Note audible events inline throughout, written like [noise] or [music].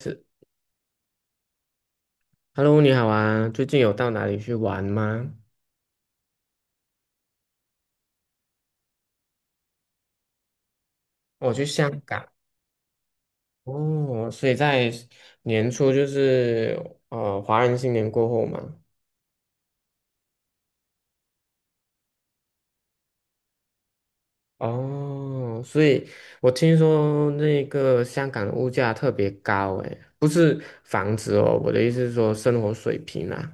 是，Hello，你好啊，最近有到哪里去玩吗？我去香港哦，所以在年初就是华人新年过后嘛，哦，所以我听说那个香港的物价特别高，诶，不是房子哦，我的意思是说生活水平啊。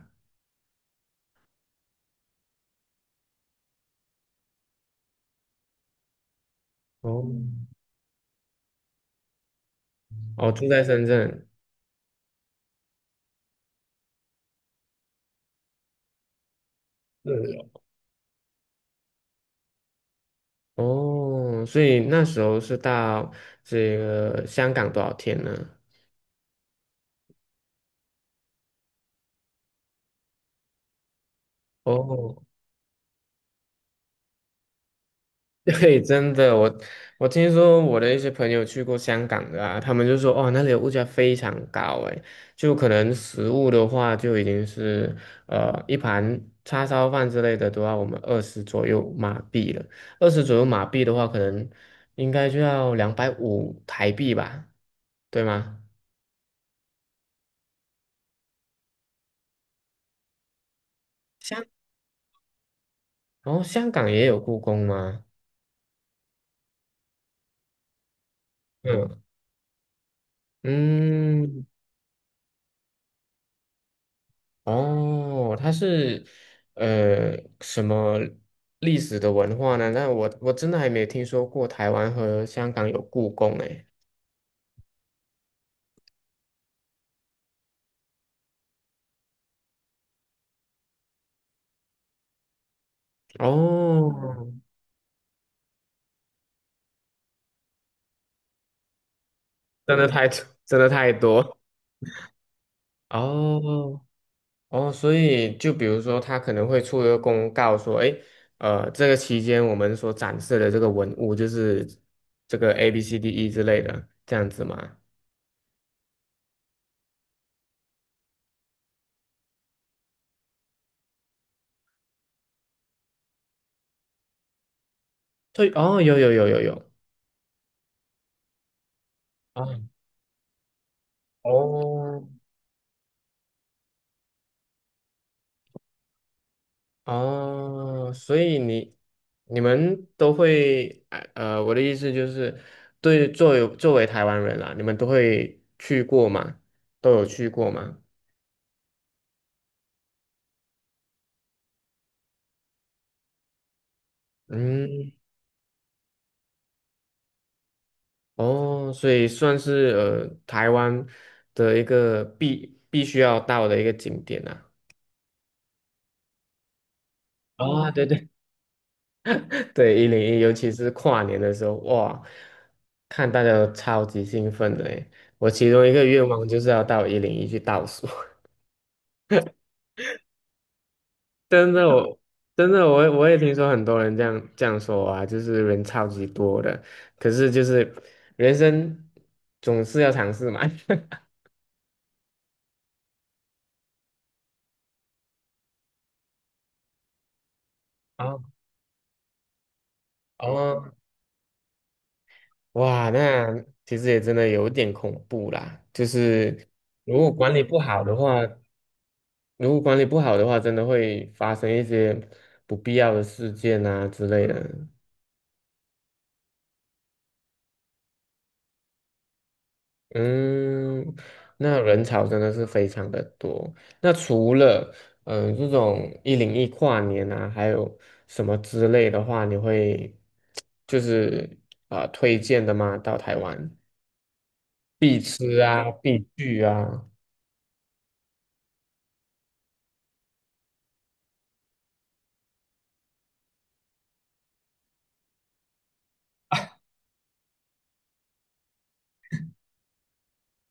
哦，哦，住在深圳。是哦，哦所以那时候是到这个香港多少天呢？哦，[laughs] 对，真的，我听说我的一些朋友去过香港的啊，他们就说哦，那里的物价非常高，诶，就可能食物的话就已经是一盘叉烧饭之类的都要我们二十左右马币了，二十左右马币的话，可能应该就要250台币吧，对吗？香，然后香港也有故宫吗？嗯嗯，哦，它是呃什么历史的文化呢？那我真的还没有听说过台湾和香港有故宫诶。哦，真的太 [laughs] 真的太多哦哦，所以就比如说，他可能会出一个公告说，诶，这个期间我们所展示的这个文物就是这个 ABCDE 之类的，这样子吗？对，哦，有有有有有。啊，哦哦，所以你们都会，我的意思就是，对，作为台湾人啦，你们都会去过吗？都有去过吗？嗯，哦，所以算是台湾的一个必须要到的一个景点啊。啊、对对 [laughs] 对，101，尤其是跨年的时候，哇，看大家都超级兴奋的诶。我其中一个愿望就是要到一零一去倒数。真的，我也听说很多人这样说啊，就是人超级多的，可是就是人生总是要尝试嘛。[laughs] 啊，哦，哇，那其实也真的有点恐怖啦。就是如果管理不好的话，如果管理不好的话，真的会发生一些不必要的事件啊之类的。嗯，那人潮真的是非常的多。那除了这种一零一跨年啊，还有什么之类的话，你会就是啊、推荐的吗？到台湾必吃啊，必去啊。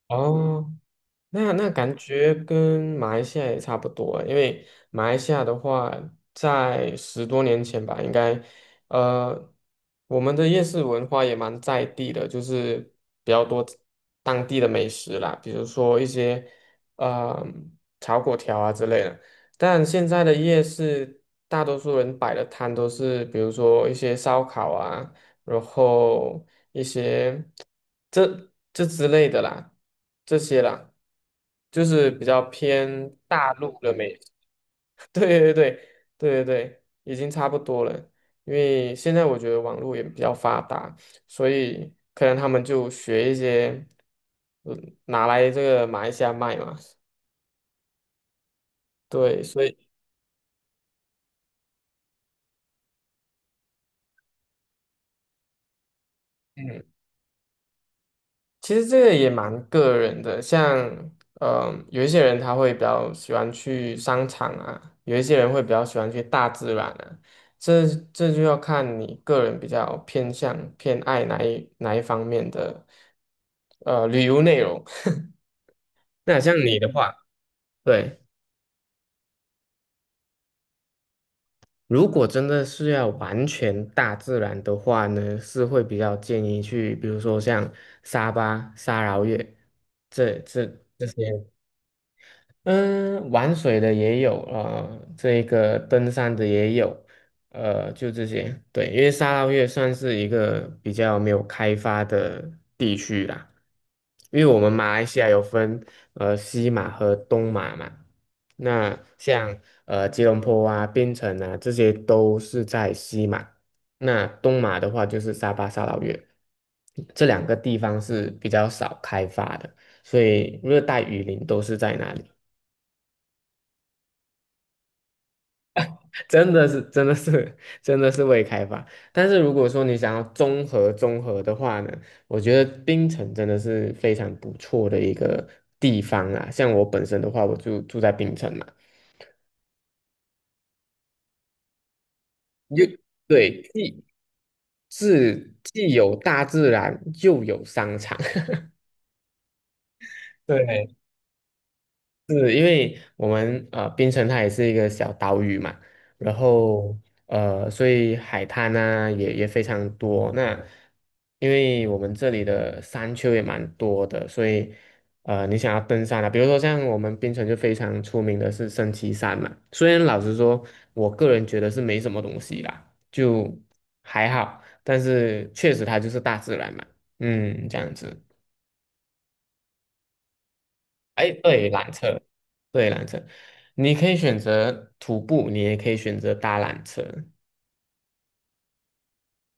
哦那感觉跟马来西亚也差不多欸因为马来西亚的话，在10多年前吧，应该，呃，我们的夜市文化也蛮在地的，就是比较多当地的美食啦，比如说一些呃炒粿条啊之类的。但现在的夜市，大多数人摆的摊都是，比如说一些烧烤啊。然后一些这之类的啦，这些啦，就是比较偏大陆的美食 [laughs] 对对对对对对，已经差不多了。因为现在我觉得网络也比较发达，所以可能他们就学一些，拿来这个马来西亚卖嘛。[laughs] 对，所以嗯其实这个也蛮个人的，像有一些人他会比较喜欢去商场啊，有一些人会比较喜欢去大自然啊，这这就要看你个人比较偏向偏爱哪一方面的旅游内容。[laughs] 那像你的话，对，如果真的是要完全大自然的话呢，是会比较建议去，比如说像沙巴、沙劳越这。这些。嗯，玩水的也有，这个登山的也有，就这些。对，因为沙捞越算是一个比较没有开发的地区啦，因为我们马来西亚有分西马和东马嘛，那像吉隆坡啊、槟城啊这些都是在西马，那东马的话就是沙巴、沙捞越，这两个地方是比较少开发的，所以热带雨林都是在那里。真的是，真的是，[laughs] 真的是未开发。但是如果说你想要综合综合的话呢，我觉得槟城真的是非常不错的一个地方啊。像我本身的话，我就住在槟城嘛，你就对，既有大自然，又有商场。[laughs] 对，是因为我们槟城它也是一个小岛屿嘛，然后所以海滩呢、也非常多。那因为我们这里的山丘也蛮多的，所以你想要登山啊，比如说像我们槟城就非常出名的是升旗山嘛。虽然老实说，我个人觉得是没什么东西啦，就还好，但是确实它就是大自然嘛，这样子。哎，对，缆车，对，缆车，你可以选择徒步，你也可以选择搭缆车。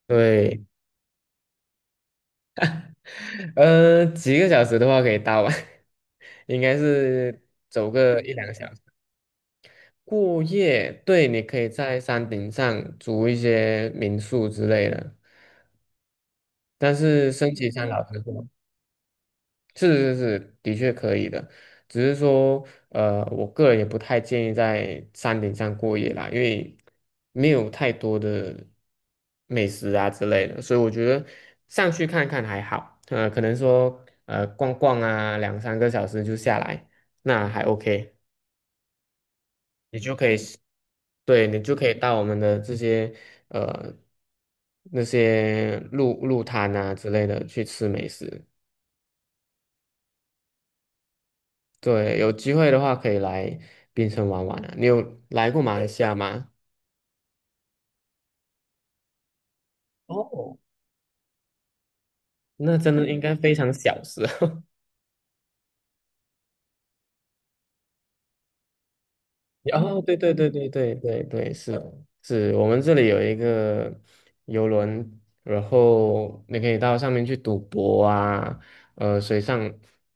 对，[laughs] 几个小时的话可以搭完，[laughs] 应该是走个一两个小时。过夜，对，你可以在山顶上租一些民宿之类的，但是升级山老实说。是是是，的确可以的，只是说，我个人也不太建议在山顶上过夜啦，因为没有太多的美食啊之类的，所以我觉得上去看看还好，可能说，逛逛啊，两三个小时就下来，那还 OK，你就可以，对，你就可以到我们的这些，呃，那些路路摊啊之类的去吃美食。对，有机会的话可以来槟城玩玩啊。你有来过马来西亚吗？哦，那真的应该非常小时候。[laughs] 哦，对对对对对对对，是是，我们这里有一个游轮，然后你可以到上面去赌博啊，水上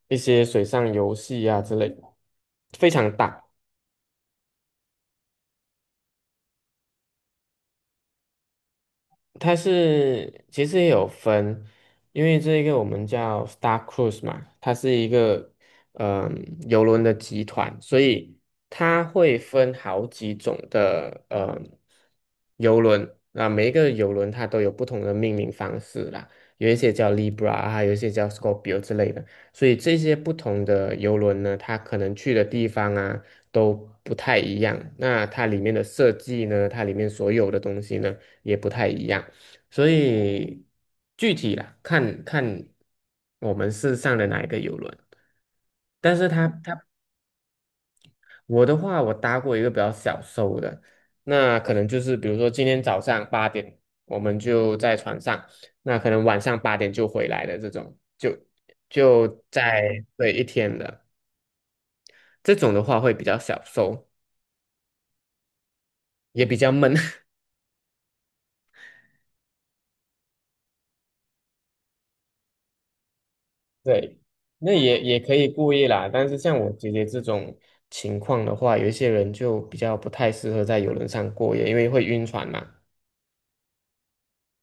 一些水上游戏啊之类的，非常大。它是其实也有分，因为这一个我们叫 Star Cruise 嘛，它是一个邮轮的集团，所以它会分好几种的邮轮，那每一个邮轮它都有不同的命名方式啦，有一些叫 Libra 啊，还有一些叫 Scorpio 之类的，所以这些不同的邮轮呢，它可能去的地方啊都不太一样，那它里面的设计呢，它里面所有的东西呢也不太一样。所以具体啦，看看我们是上的哪一个游轮。但是我的话，我搭过一个比较小艘的，那可能就是比如说今天早上八点我们就在船上，那可能晚上八点就回来的这种，就在对一天的这种的话会比较小艘，也比较闷。对，那也可以故意啦，但是像我姐姐这种情况的话，有一些人就比较不太适合在游轮上过夜，因为会晕船嘛。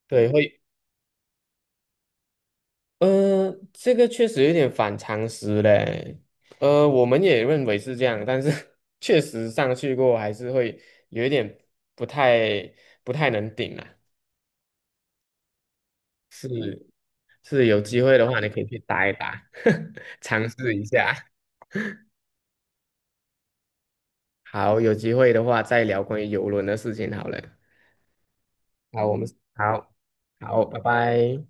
对，会，这个确实有点反常识嘞。我们也认为是这样，但是 [laughs] 确实上去过还是会有一点不太不太能顶啊。是是，有机会的话你可以去打一打，[laughs] 尝试一下。好，有机会的话再聊关于游轮的事情好了。好，我们好，好，拜拜。